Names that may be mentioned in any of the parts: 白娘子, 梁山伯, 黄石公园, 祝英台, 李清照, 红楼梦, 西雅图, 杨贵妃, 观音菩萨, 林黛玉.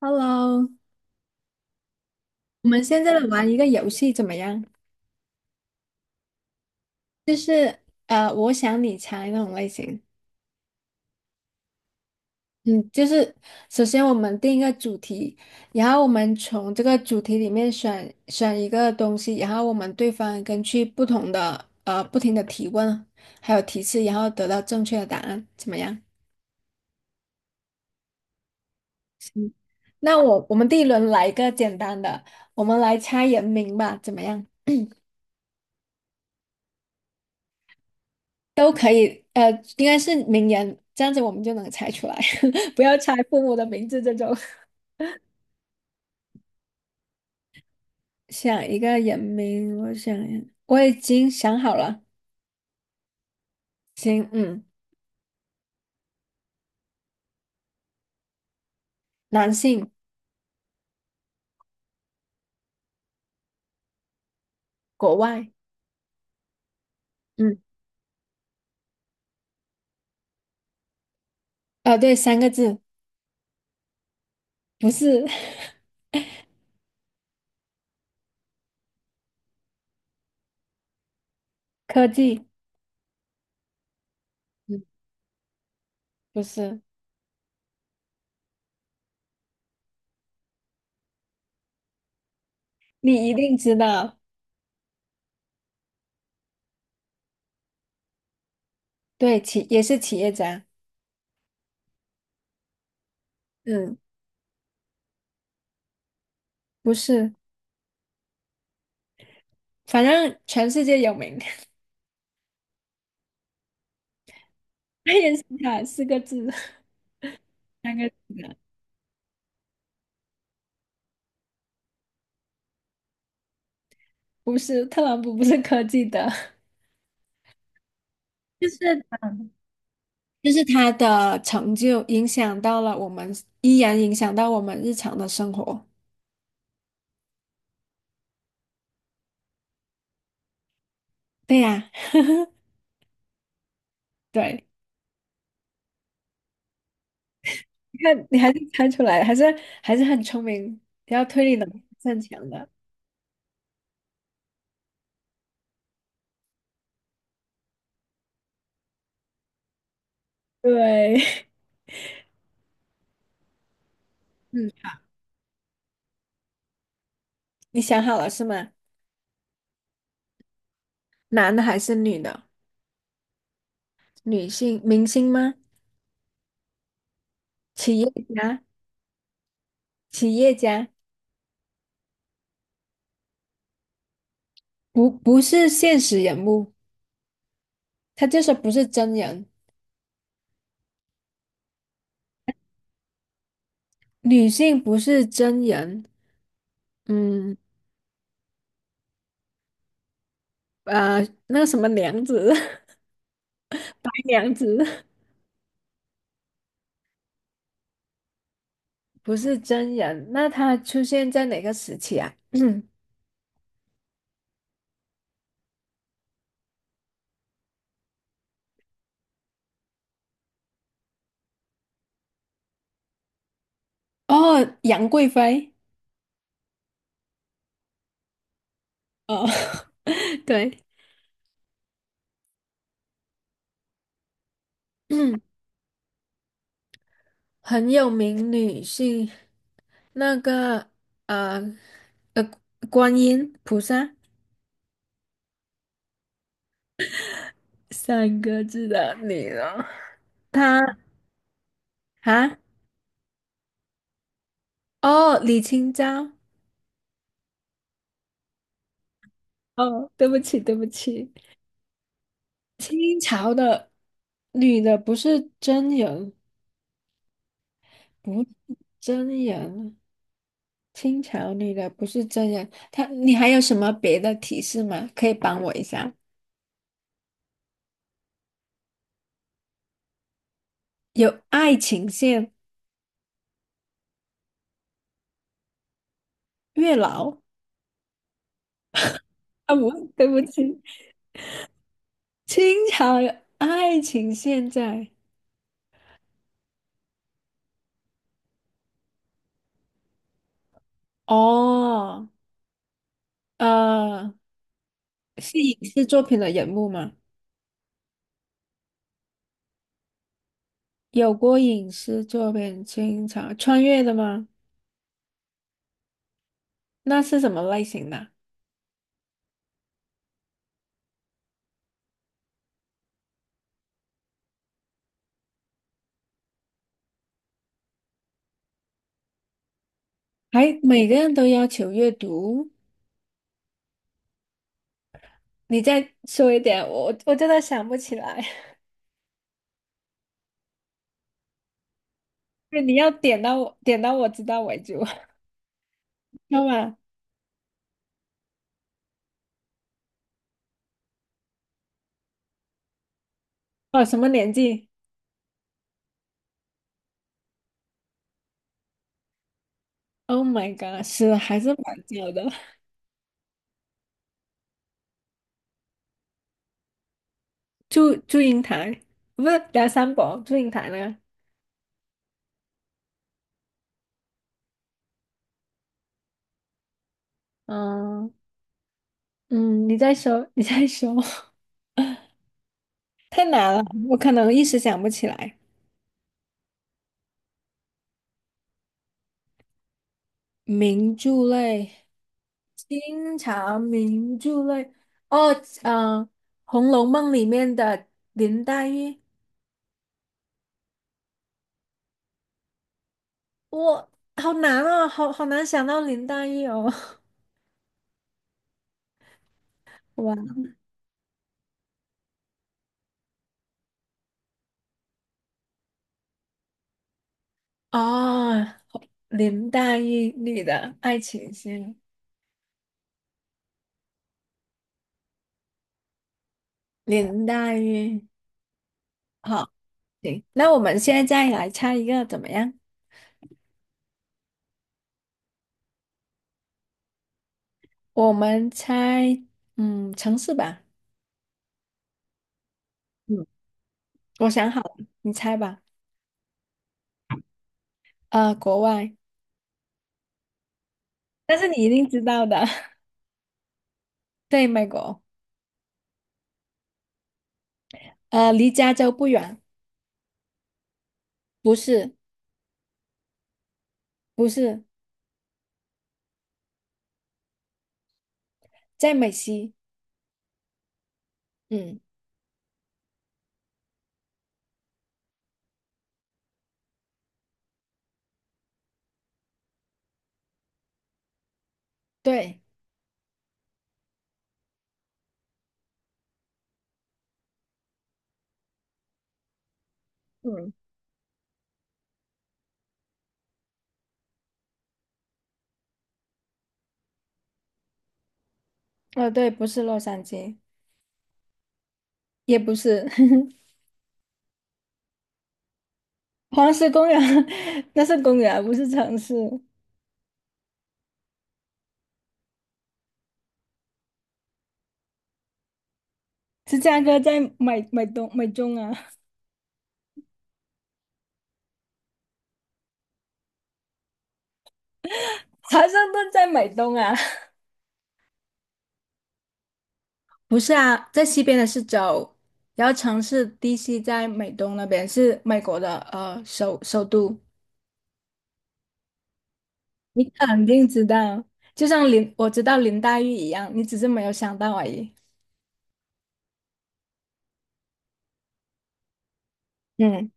Hello，我们现在来玩一个游戏怎么样？就是我想你猜那种类型。嗯，就是首先我们定一个主题，然后我们从这个主题里面选一个东西，然后我们对方根据不同的不停的提问还有提示，然后得到正确的答案，怎么样？行，那我们第一轮来一个简单的，我们来猜人名吧，怎么样？都可以，应该是名言，这样子我们就能猜出来，不要猜父母的名字这种。想一个人名，我想一下我已经想好了。行，嗯，男性，国外，嗯，哦，对，三个字，不是。 科技，嗯，不是，你一定知道，对，企也是企业家，嗯，不是，反正全世界有名，爱因斯坦四个字，三个字的，不是，特朗普不是科技的。就是就是他的成就影响到了我们，依然影响到我们日常的生活。对呀，对，你看你还是猜出来，还是很聪明，比较推理能力很强的。对，嗯，你想好了是吗？男的还是女的？女性明星吗？企业家，企业家，不是现实人物，他就是不是真人。女性不是真人，嗯，呃，那个什么娘子，白娘子。不是真人，那他出现在哪个时期啊？嗯，哦，杨贵妃，哦，对，嗯，很有名女性，那个呃呃，观音菩萨三个字的女人，她啊，哦，李清照，哦，对不起，对不起，清朝的女的不是真人，不，是真人清朝女的不是真人，她你还有什么别的提示吗？可以帮我一下？有爱情线、月老啊，不，对不起，清朝有爱情线在哦，呃，是影视作品的人物吗？有过影视作品，清朝穿越的吗？那是什么类型的？还每个人都要求阅读？你再说一点，我真的想不起来。对，你要点到我，点到我知道为止。要吧？哦，什么年纪？Oh my god，是还是蛮久的。祝英台，不是梁山伯，祝英台那个。嗯嗯，你再说，你再说，太难了，我可能一时想不起来。名著类，清朝名著类，哦，嗯，《红楼梦》里面的林黛玉，我好难哦，好难想到林黛玉哦。哇，哦，林黛玉女的爱情线。林黛玉，好，行，那我们现在再来猜一个怎么样？我们猜，嗯，城市吧。嗯，我想好了，你猜吧。呃，国外，但是你一定知道的，对，美国。离加州不远，不是，不是，在美西。嗯，对，嗯，呃，对，不是洛杉矶，也不是。 黄石公园，那是公园，不是城市。芝加哥在美东美中啊，华盛顿在美东啊。不是啊，在西边的是州，然后城市 DC 在美东那边，是美国的首都。你肯定知道，就像林我知道林黛玉一样，你只是没有想到而已。嗯，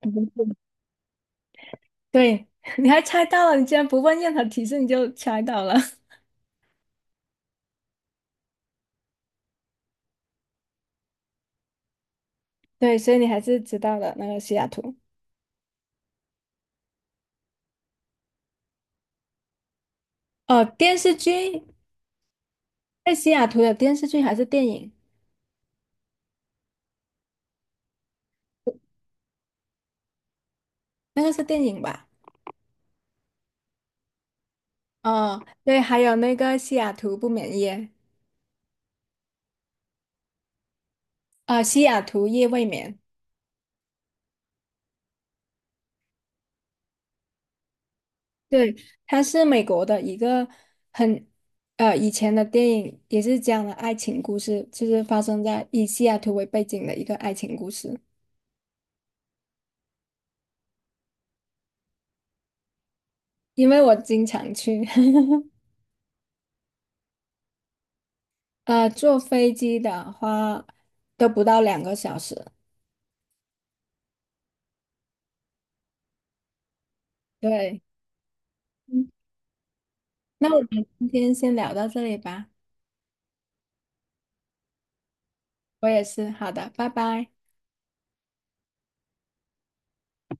不是对，你还猜到了，你竟然不问任何提示你就猜到了。对，所以你还是知道的那个西雅图。哦，电视剧，在西雅图的电视剧还是电影？那个是电影吧？哦，对，还有那个西雅图不眠夜，啊、西雅图夜未眠。对，它是美国的一个很以前的电影，也是讲了爱情故事，就是发生在以西雅图为背景的一个爱情故事。因为我经常去，坐飞机的话都不到2个小时。对，嗯，那我们今天先聊到这里吧。我也是，好的，拜拜。